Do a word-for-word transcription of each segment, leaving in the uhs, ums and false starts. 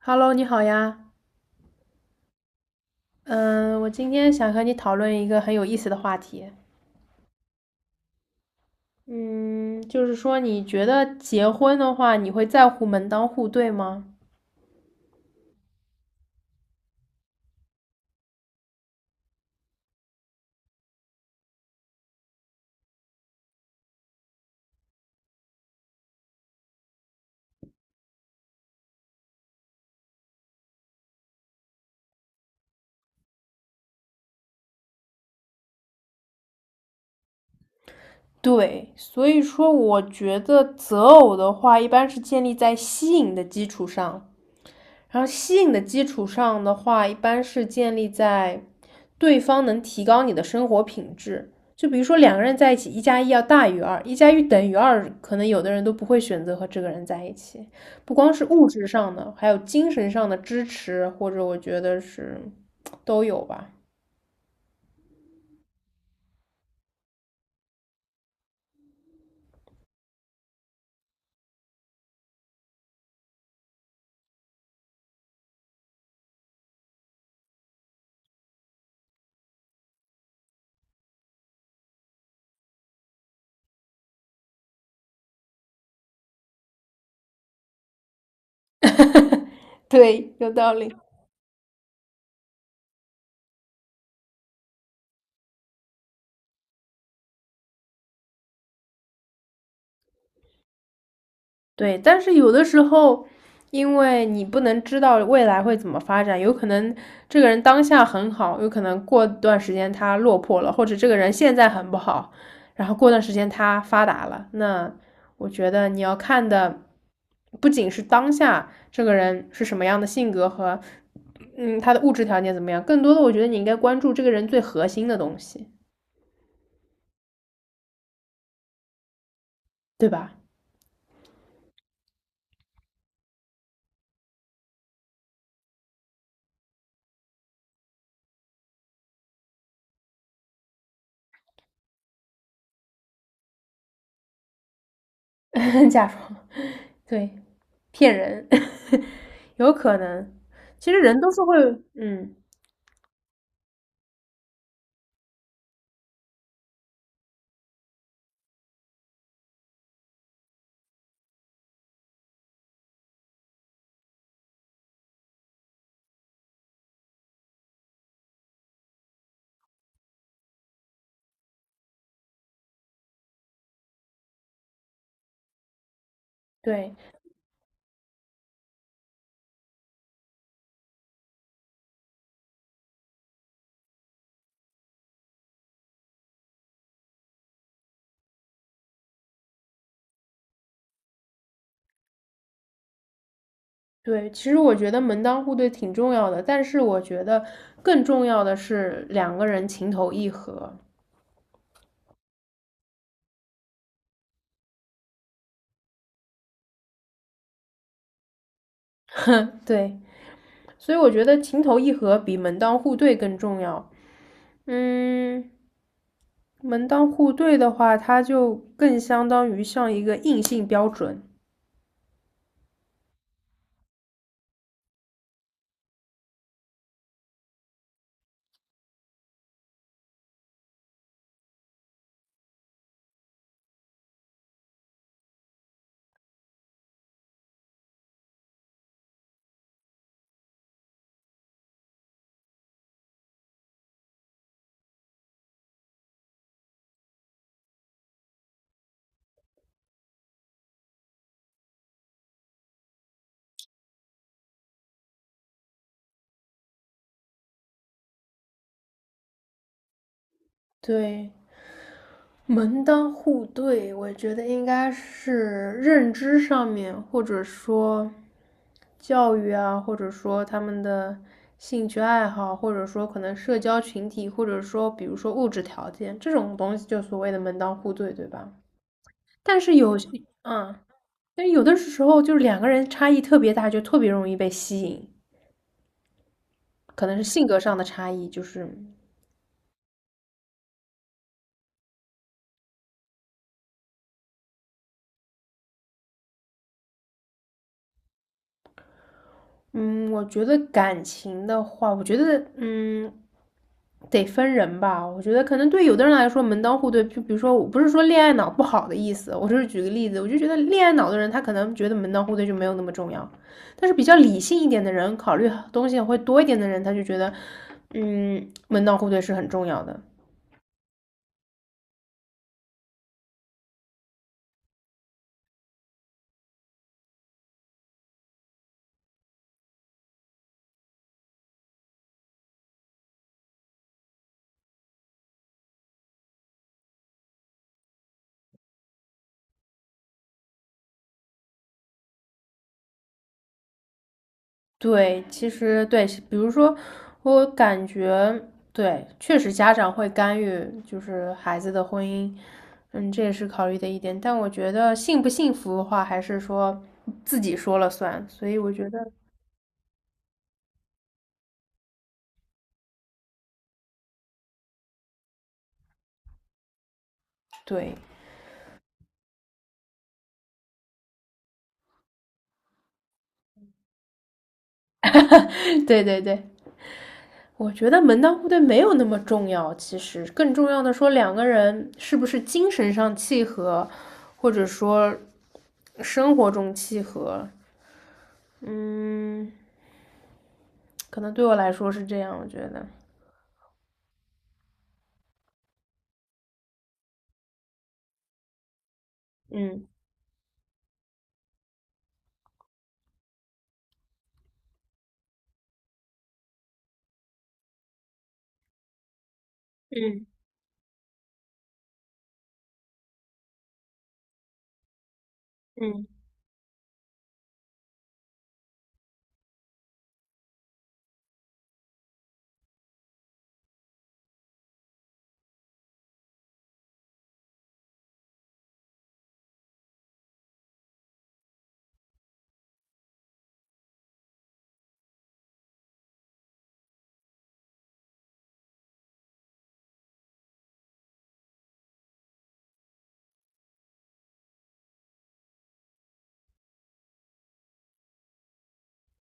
Hello，你好呀。嗯，我今天想和你讨论一个很有意思的话题。嗯，就是说，你觉得结婚的话，你会在乎门当户对吗？对，所以说，我觉得择偶的话，一般是建立在吸引的基础上。然后吸引的基础上的话，一般是建立在对方能提高你的生活品质。就比如说两个人在一起，一加一要大于二，一加一等于二，可能有的人都不会选择和这个人在一起。不光是物质上的，还有精神上的支持，或者我觉得是都有吧。对，有道理。对，但是有的时候，因为你不能知道未来会怎么发展，有可能这个人当下很好，有可能过段时间他落魄了，或者这个人现在很不好，然后过段时间他发达了。那我觉得你要看的不仅是当下这个人是什么样的性格和嗯他的物质条件怎么样，更多的我觉得你应该关注这个人最核心的东西，对吧？假装对骗人。有可能，其实人都是会，嗯，对对，其实我觉得门当户对挺重要的，但是我觉得更重要的是两个人情投意合，哼，对，所以我觉得情投意合比门当户对更重要。嗯，门当户对的话，它就更相当于像一个硬性标准。对，门当户对，我觉得应该是认知上面，或者说教育啊，或者说他们的兴趣爱好，或者说可能社交群体，或者说比如说物质条件这种东西，就所谓的门当户对，对吧？但是有些，嗯，但是有的时候就是两个人差异特别大，就特别容易被吸引，可能是性格上的差异，就是，嗯，我觉得感情的话，我觉得，嗯，得分人吧，我觉得可能对有的人来说门当户对，就比如说我不是说恋爱脑不好的意思，我就是举个例子，我就觉得恋爱脑的人他可能觉得门当户对就没有那么重要，但是比较理性一点的人，考虑东西会多一点的人，他就觉得，嗯，门当户对是很重要的。对，其实对，比如说，我感觉对，确实家长会干预，就是孩子的婚姻，嗯，这也是考虑的一点。但我觉得幸不幸福的话，还是说自己说了算。所以我觉得，对，对对对，我觉得门当户对没有那么重要。其实更重要的说，两个人是不是精神上契合，或者说生活中契合，嗯，可能对我来说是这样，我觉得，嗯。嗯嗯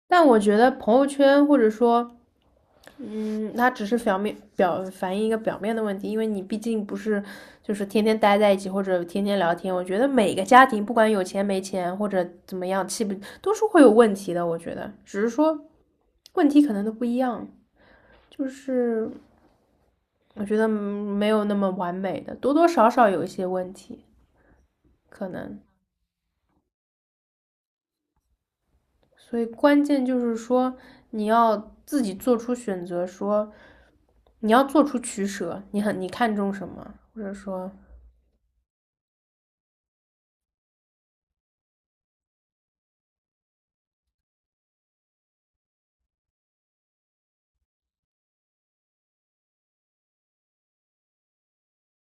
但我觉得朋友圈或者说，嗯，它只是表面表反映一个表面的问题，因为你毕竟不是就是天天待在一起或者天天聊天。我觉得每个家庭不管有钱没钱或者怎么样，气不都是会有问题的。我觉得只是说问题可能都不一样，就是我觉得没有那么完美的，多多少少有一些问题可能。所以关键就是说，你要自己做出选择，说你要做出取舍，你很你看重什么，或者说，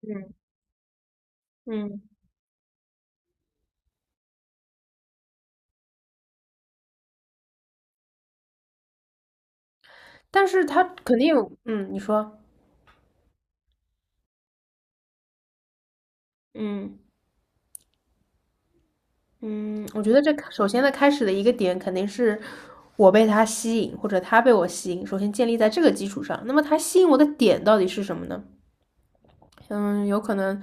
嗯嗯但是他肯定有，嗯，你说，嗯嗯，我觉得这首先的开始的一个点肯定是我被他吸引，或者他被我吸引，首先建立在这个基础上。那么他吸引我的点到底是什么呢？嗯，有可能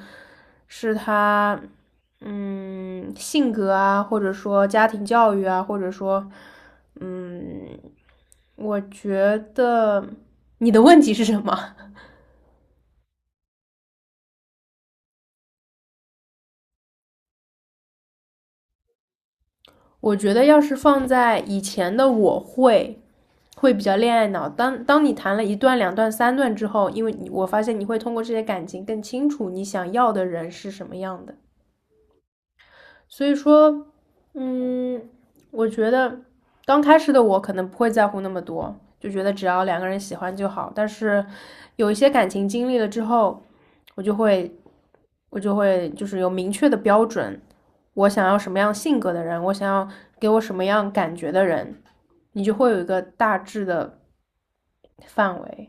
是他，嗯，性格啊，或者说家庭教育啊，或者说，嗯，我觉得你的问题是什么？我觉得要是放在以前的我会，会比较恋爱脑。当当你谈了一段、两段、三段之后，因为你我发现你会通过这些感情更清楚你想要的人是什么样的。所以说，嗯，我觉得刚开始的我可能不会在乎那么多，就觉得只要两个人喜欢就好。但是有一些感情经历了之后，我就会我就会就是有明确的标准，我想要什么样性格的人，我想要给我什么样感觉的人，你就会有一个大致的范围。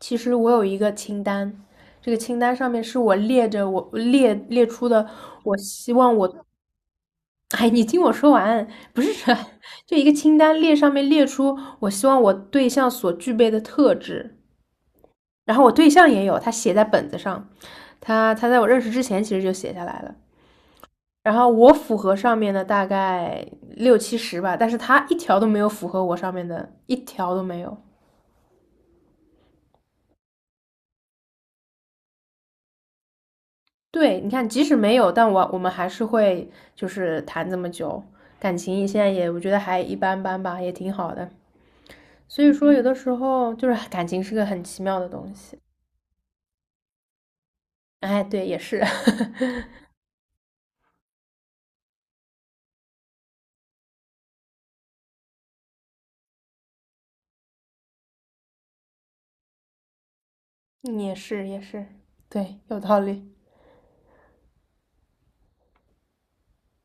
其实我有一个清单，这个清单上面是我列着我列列出的，我希望我，哎，你听我说完，不是这，就一个清单列上面列出我希望我对象所具备的特质，然后我对象也有，他写在本子上，他他在我认识之前其实就写下来了。然后我符合上面的大概六七十吧，但是他一条都没有符合我上面的，一条都没有。对，你看，即使没有，但我我们还是会就是谈这么久，感情现在也我觉得还一般般吧，也挺好的。所以说，有的时候就是感情是个很奇妙的东西。哎，对，也是，也是，也是，对，有道理。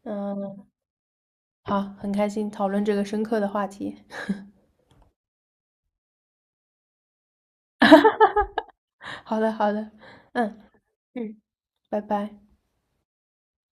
嗯，好，很开心讨论这个深刻的话题。好的，好的，嗯嗯，拜拜。